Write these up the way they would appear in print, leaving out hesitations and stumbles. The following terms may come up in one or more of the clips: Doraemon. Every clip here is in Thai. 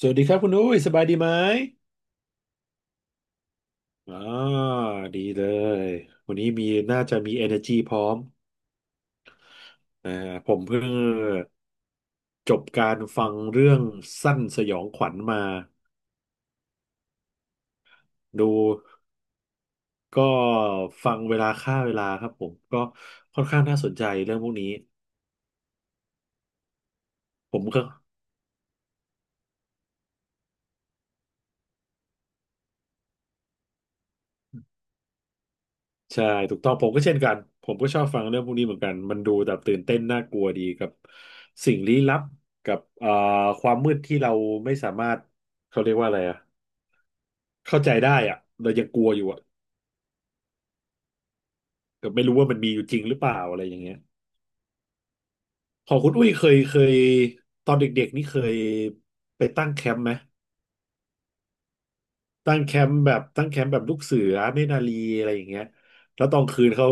สวัสดีครับคุณอุ้ยสบายดีไหมอ่าดีเลย วันนี้น่าจะมี energy พร้อมอ่าผมเพิ่งจบการฟังเรื่องสั้นสยองขวัญมาดู ก็ฟังเวลาฆ่าเวลาครับผม ก็ค่อนข้างน่าสนใจเรื่องพวกนี้ ผมก็ใช่ถูกต้องผมก็เช่นกันผมก็ชอบฟังเรื่องพวกนี้เหมือนกันมันดูแบบตื่นเต้นน่ากลัวดีกับสิ่งลี้ลับกับความมืดที่เราไม่สามารถเขาเรียกว่าอะไรอะ เข้าใจได้อ่ะเรายังกลัวอยู่อ่ะแต่ไม่รู้ว่ามันมีอยู่จริงหรือเปล่าอะไรอย่างเงี้ยพอคุณอุ้ยเคยตอนเด็กๆนี่เคยไปตั้งแคมป์ไหม ตั้งแคมป์แบบตั้งแคมป์แบบลูกเสือเนตรนารีอะไรอย่างเงี้ยแล้วตอนคืนเขา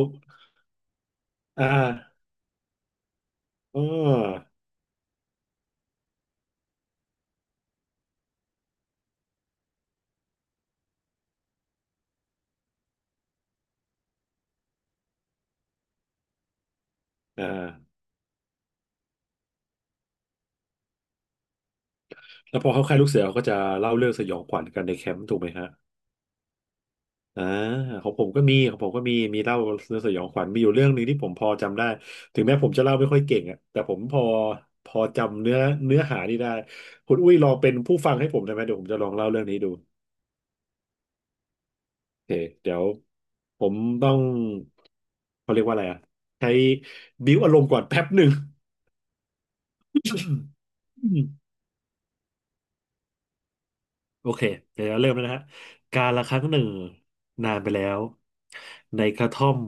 อ่าอ๋ออ่าแล้วพอเขาค่ายลูกเสือเขาก็จะเล่าเรื่องสยองขวัญกันในแคมป์ถูกไหมฮะ อ่าของผมก็มีมีเล่าเรื่องสยองขวัญมีอยู่เรื่องหนึ่งที่ผมพอจำได้ถึงแม้ผมจะเล่าไม่ค่อยเก่งอ่ะแต่ผมพอจำเนื้อหานี่ได้คุณอุ้ยลองเป็นผู้ฟังให้ผมได้ไหมเดี๋ยวผมจะลองเล่าเรื่องนี้ดูโอเคเดี๋ยวผมต้องเขาเรียกว่าอะไรอ่ะใช้บิ้วอารมณ์ก่อนแป๊บหนึ่ง โอเคเดี๋ยวเราเริ่มแล้วนะฮะการละครั้งหนึ่งนานไปแล้วในกระท่อม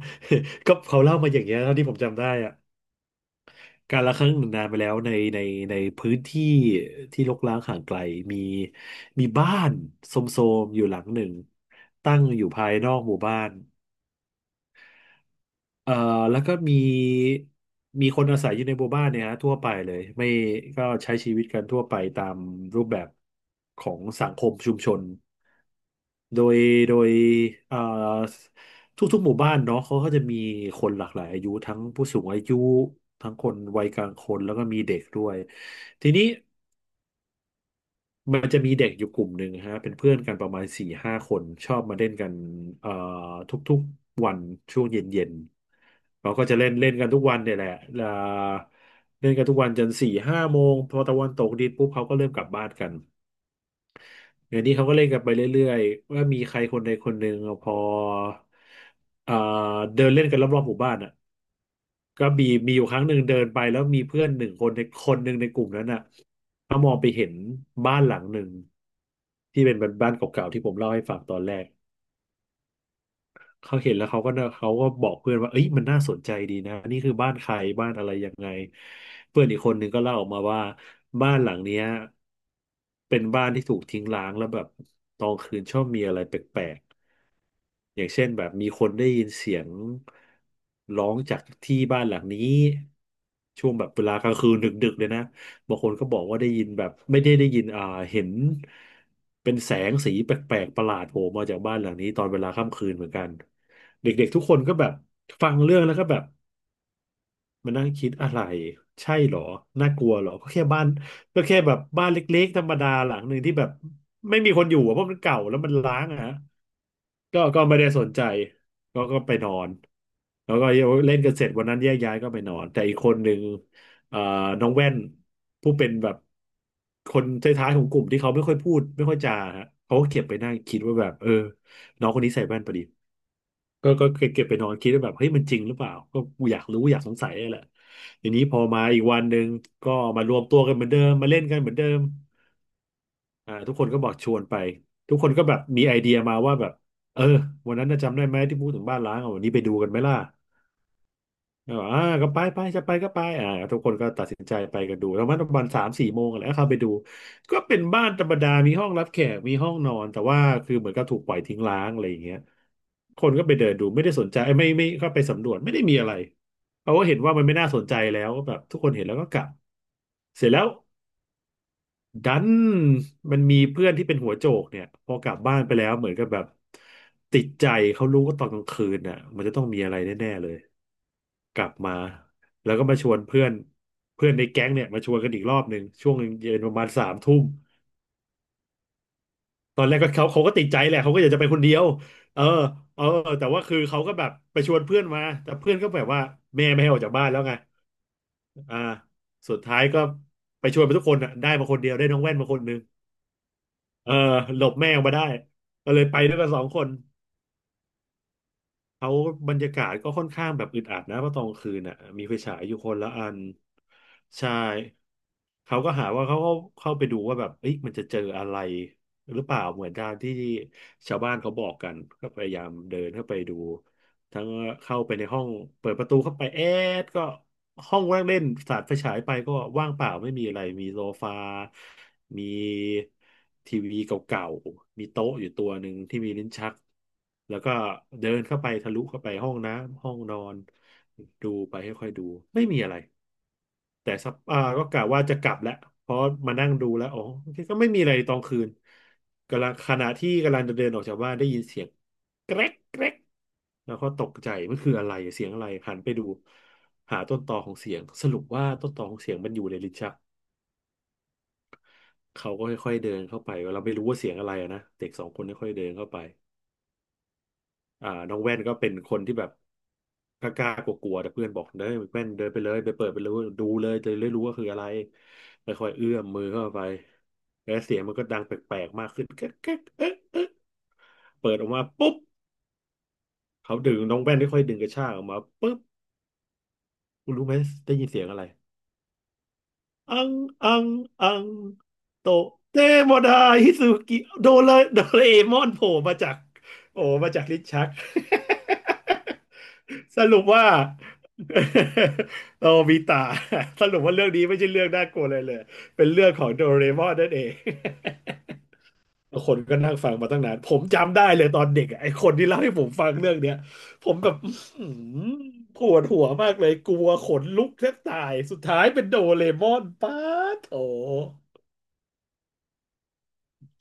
ก็เขาเล่ามาอย่างเงี้ยเท่าที่ผมจำได้อะ การละครั้งหนึ่งนานไปแล้วในพื้นที่ที่รกร้างห่างไกลมีมีบ้านโทรมๆอยู่หลังหนึ่งตั้งอยู่ภายนอกหมู่บ้าน เอ่อแล้วก็มีคนอาศัยอยู่ในหมู่บ้านเนี่ยฮะทั่วไปเลยไม่ก็ใช้ชีวิตกันทั่วไปตามรูปแบบของสังคมชุมชนโดยโดยเอ่อทุกๆหมู่บ้านเนาะเขาก็จะมีคนหลากหลายอายุทั้งผู้สูงอายุทั้งคนวัยกลางคนแล้วก็มีเด็กด้วยทีนี้มันจะมีเด็กอยู่กลุ่มหนึ่งฮะเป็นเพื่อนกันประมาณสี่ห้าคนชอบมาเล่นกันเอ่อทุกๆ ช่วงเย็นๆ เขาก็จะเล่นเล่นกันทุกวันเนี่ยแหละเอ่อเล่นกันทุกวันจนสี่ห้าโมงพอตะวันตกดินปุ๊บเขาก็เริ่มกลับบ้านกันอย่างนี้เขาก็เล่นกันไปเรื่อยๆว่ามีใครคนใดคนหนึ่งพอเอ่อเดินเล่นกันรอบๆหมู่บ้านอ่ะก็มีอยู่ครั้งหนึ่งเดินไปแล้วมีเพื่อนหนึ่งคนในคนหนึ่งในกลุ่มนั้นอ่ะเขามองไปเห็นบ้านหลังหนึ่งที่เป็นบ้านเก่าๆที่ผมเล่าให้ฟังตอนแรก เขาเห็นแล้วเขาก็บอกเพื่อนว่าเอ้ยมันน่าสนใจดีนะนี่คือบ้านใครบ้านอะไรยังไงเพื่อนอีกคนหนึ่งก็เล่าออกมาว่าบ้านหลังเนี้ยเป็นบ้านที่ถูกทิ้งร้างแล้วแบบตอนคืนชอบมีอะไรแปลก อย่างเช่นแบบมีคนได้ยินเสียงร้องจากที่บ้านหลังนี้ช่วงแบบเวลากลางคืนดึกๆเลยนะบางคนก็บอกว่าได้ยินแบบไม่ได้ได้ยินเห็นเป็นแสงสีแปลกๆประหลาดโผล่มาจากบ้านหลังนี้ตอนเวลาค่ำคืนเหมือนกันเด็กๆทุกคนก็แบบฟังเรื่องแล้วก็แบบมานั่งคิดอะไรใช่เหรอน่ากลัวเหรอก็แค่บ้านก็แค่แบบบ้านเล็กๆธรรมดาหลังหนึ่งที่แบบไม่มีคนอยู่อะเพราะมันเก่าแล้วมันร้างอะฮะ ก็ไม่ได้สนใจก็ไปนอนแล้วก็เล่นกันเสร็จวันนั้นแยกย้ายก็ไปนอนแต่อีกคนหนึ่งเอ่อน้องแว่นผู้เป็นแบบคนท้ายๆของกลุ่มที่เขาไม่ค่อยพูดไม่ค่อยจาฮะเขาก็เก็บไปนั่งคิดว่าแบบเออน้องคนนี้ใส่แว่นพอดีก็เก็บไปนอนคิดว่าแบบเฮ้ยมันจริงหรือเปล่าก็กูอยากรู้อยากสงสัยนี่แหละทีนี้พอมาอีกวันหนึ่งก็มารวมตัวกันเหมือนเดิมมาเล่นกันเหมือนเดิม อ่าทุกคนก็บอกชวนไปทุกคนก็แบบมีไอเดียมาว่าแบบเออวันนั้นน่ะจำได้ไหมที่พูดถึงบ้านล้างอ่ะวันนี้ไปดูกันไหมล่ะก็บอกอ่าก็ไปไปจะไปก็ไปอ่าทุกคนก็ตัดสินใจไปกันดูแล้วมันประมาณสามสี่โมงอะไรก็เข้าไปดูก็เป็นบ้านธรรมดามีห้องรับแขกมีห้องนอนแต่ว่าคือเหมือนกับถูกปล่อยทิ้งร้างอะไรอย่างเงี้ยคนก็ไปเดินดูไม่ได้สนใจเอ้ยไม่เข้าไปสำรวจไม่ได้มีอะไรเพราะว่าเห็นว่ามันไม่น่าสนใจแล้วก็แบบทุกคนเห็นแล้วก็กลับเสร็จแล้ว ดันมันมีเพื่อนที่เป็นหัวโจกเนี่ยพอกลับบ้านไปแล้วเหมือนกับแบบติดใจเขารู้ว่าตอนกลางคืนน่ะมันจะต้องมีอะไรแน่ๆเลยกลับมาแล้วก็มาชวนเพื่อนเพื่อนในแก๊งเนี่ยมาชวนกันอีกรอบหนึ่งช่วงเย็นประมาณสามทุ่มตอนแรกก็เขาก็ติดใจแหละเขาก็อยากจะไปคนเดียวเออเออแต่ว่าคือเขาก็แบบไปชวนเพื่อนมาแต่เพื่อนก็แบบว่าแม่ไม่ให้ออกจากบ้านแล้วไงอ่าสุดท้ายก็ไปชวนไปทุกคนอ่ะได้มาคนเดียวได้น้องแว่นมาคนหนึง เออหลบแม่ออกมาได้ก็เลยไปด้วยกันสองคนเขาบรรยากาศก็ค่อนข้างแบบอึดอัดนะเพราะตอนกลางคืนน่ะมีไฟฉายอยู่คนละอันใช่เขาก็หาว่าเขาเข้าไปดูว่าแบบเอ๊ะมันจะเจออะไรหรือเปล่าเหมือนตามที่ชาวบ้านเขาบอกกันก็พยายามเดินเข้าไปดู ทั้งเข้าไปในห้องเปิดประตูเข้าไปแอดก็ห้องว่างเล่นสาดไฟฉายไปก็ว่างเปล่าไม่มีอะไรมีโซฟามีทีวีเก่าๆมีโต๊ะอยู่ตัวหนึ่งที่มีลิ้นชักแล้วก็เดินเข้าไปทะลุเข้าไปห้องน้ำห้องนอนดูไปค่อยๆดูไม่มีอะไรแต่สักก็กะว่าจะกลับแล้วเพราะมานั่งดูแล้วอ๋อก็ไม่มีอะไรตอนคืนกำลังขณะที่กำลังจะเดินออกจากบ้านได้ยินเสียงแกรกแกรก แล้วก็ตกใจมันคืออะไรเสียงอะไรหันไปดูหาต้นตอของเสียงสรุปว่าต้นตอของเสียงมันอยู่ในลิ้นชักเขาก็ค่อยๆเดินเข้าไปเราไม่รู้ว่าเสียงอะไรอะนะเด็กสองคนค่อยๆเดินเข้าไปน้องแว่นก็เป็นคนที่แบบกล้ากลัวๆแต่เพื่อนบอกเด้ยแว่นเดินไปเลยไปเปิดไปเลยดูเลยจะได้รู้ว่าคืออะไรค่อยๆเอื้อมมือเข้าไปแล้วเสียงมันก็ดังแปลกๆมากขึ้นแก๊กแก๊กเอ๊ะเอ๊ะเปิดออกมาปุ๊บเขาดึงน้องแว่นค่อยๆดึงกระชากออกมาปุ๊บคุณรู้ไหมได้ยินเสียงอะไร อังอังอังโตะเตโมดาฮิซุกิโด เลโดเรมอนโผล่มาจากโอ้มาจากลิ้นชัก สรุปว่า โตบิตะสรุปว่าเรื่องนี้ไม่ใช่เรื่องน่ากลัวเลยเลยเป็นเรื่องของโดเรมอนนั่นเอง คนก็นั่งฟังมาตั้งนานผมจำได้เลยตอนเด็กอะไอ้คนที่เล่าให้ผมฟังเรื่องเนี้ยผมแบบอื้อหือปวดหัวมากเลยกลัวขนลุกแทบตายสุดท้ายเป็นโดเรมอนป้าดโถ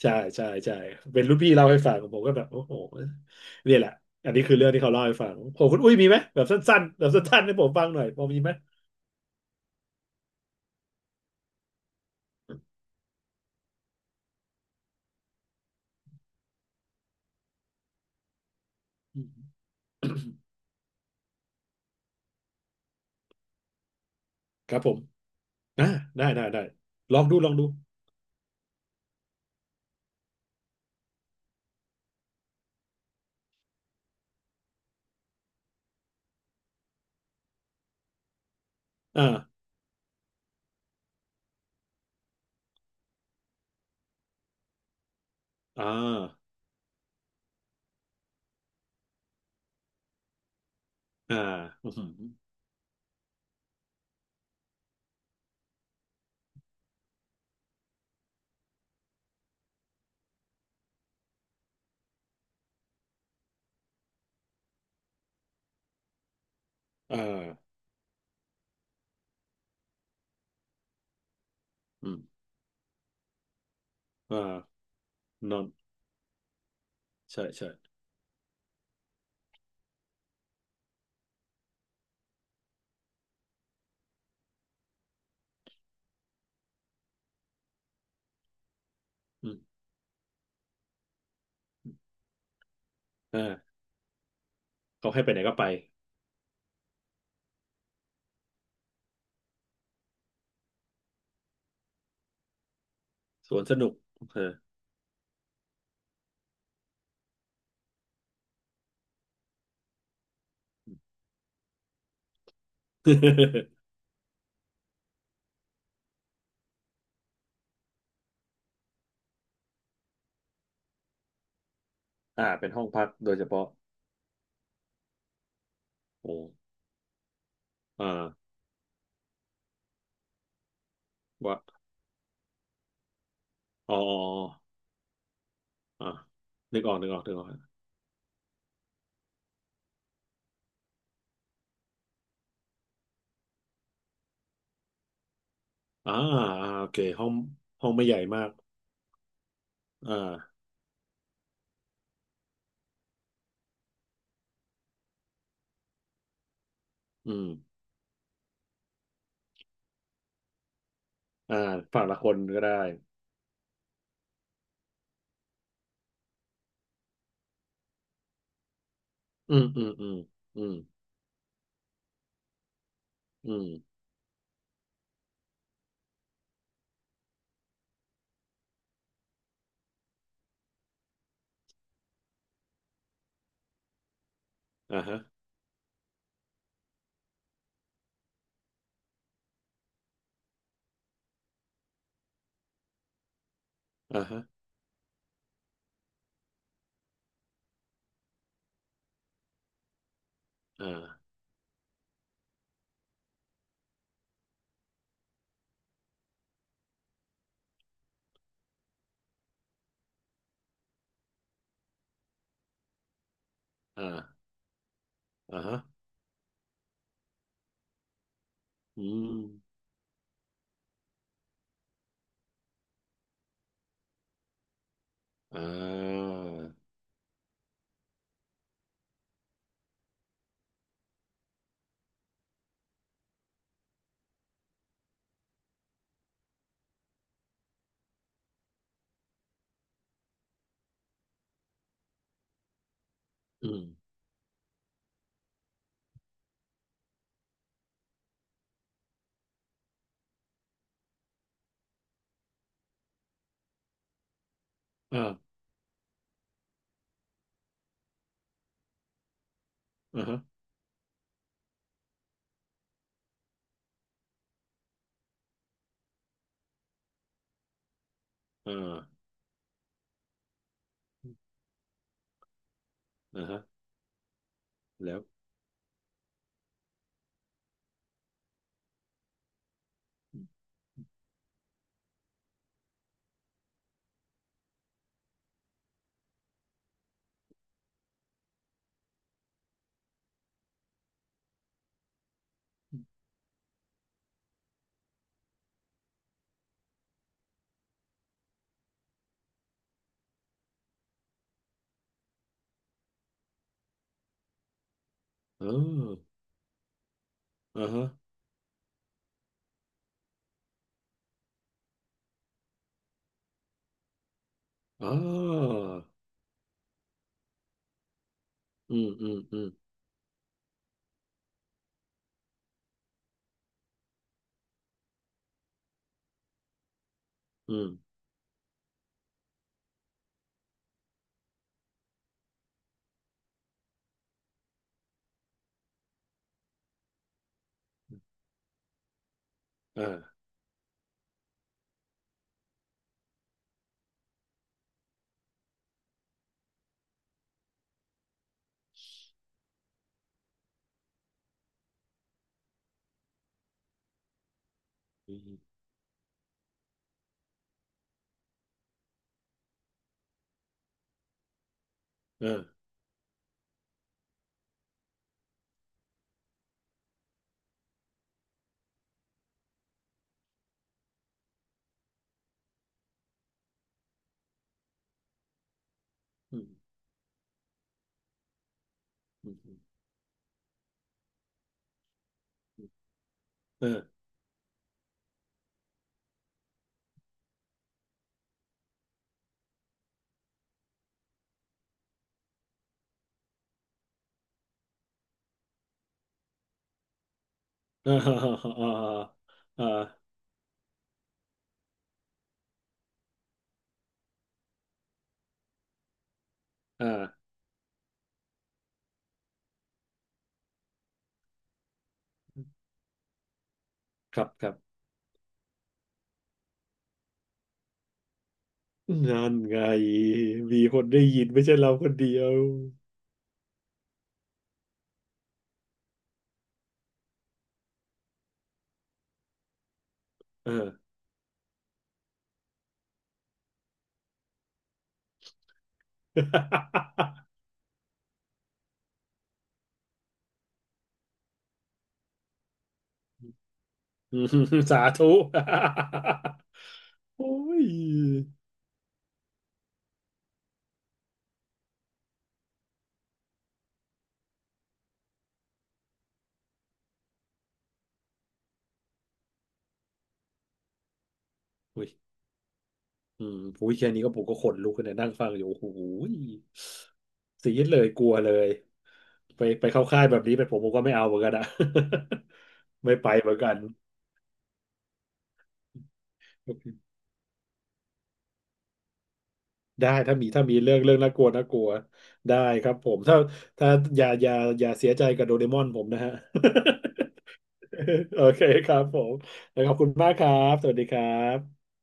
ใช่ใช่ใช่เป็นรุ่นพี่เล่าให้ฟังผมก็แบบโอ้โหเนี่ยแหละอันนี้คือเรื่องที่เขาเล่าให้ฟังผมคุณอุ้ยมีไหมแบบสั้นๆแบบสั้นๆให้ผมฟังหน่อยพอมีไหมอืมครับผมอ่าได้ลองดูลองดูอ่าอ่าอ่าอืมอหืออ่าอืมอ่านอน ใช่ใช่อืมอ่าเขาให้ไปไหนก็ไปสวนสนุกเออ อ่าเป็นห้องพักโดยเฉพาะโอ้อ่าว่าอ๋ออ๋ออ๋ออ่านึกออกนึกออกนึกออกอ่าอ่าโอเคห้องห้องไม่ใหญ่มากอ่าอืมอ่าฝั่งละคนก็ได้อืมอืมอืมอืมอืมอ่าฮะอ่าฮะอ่าอ่าอ่าฮะอืมอ่าอืมอ่าอ่าฮะอ่าอ่าฮะแล้วเอออ่าฮะ อ๋ออืมอืมอืมอืมอ่าอืมเอออืมอืมอืมเอาอ่าอ่าอ่าอ่าครับครับนั่นไงมีคนได้ยินไม่ใช่เราคนเดียวเออ อืมสาธุ โอ้ยโอ้ย อืมพูดแค่นี้ก็ผมก็ขนลุกเลยนั่งฟังอยู่โอ้โหสีดเลยกลัวเลยไปไปเข้าค่ายแบบนี้ไปผมก็ไม่เอาเหมือนกันอะ ไม่ไปเหมือนกันโอเคได้ถ้ามีเรื่องเรื่องน่ากลัวน่ากลัวได้ครับผมถ้าถ้าอย่าอย่าอย่าเสียใจกับโดเรมอนผมนะฮะ โอเคครับผมแล้วขอบคุณมากครับสวัสดีครับ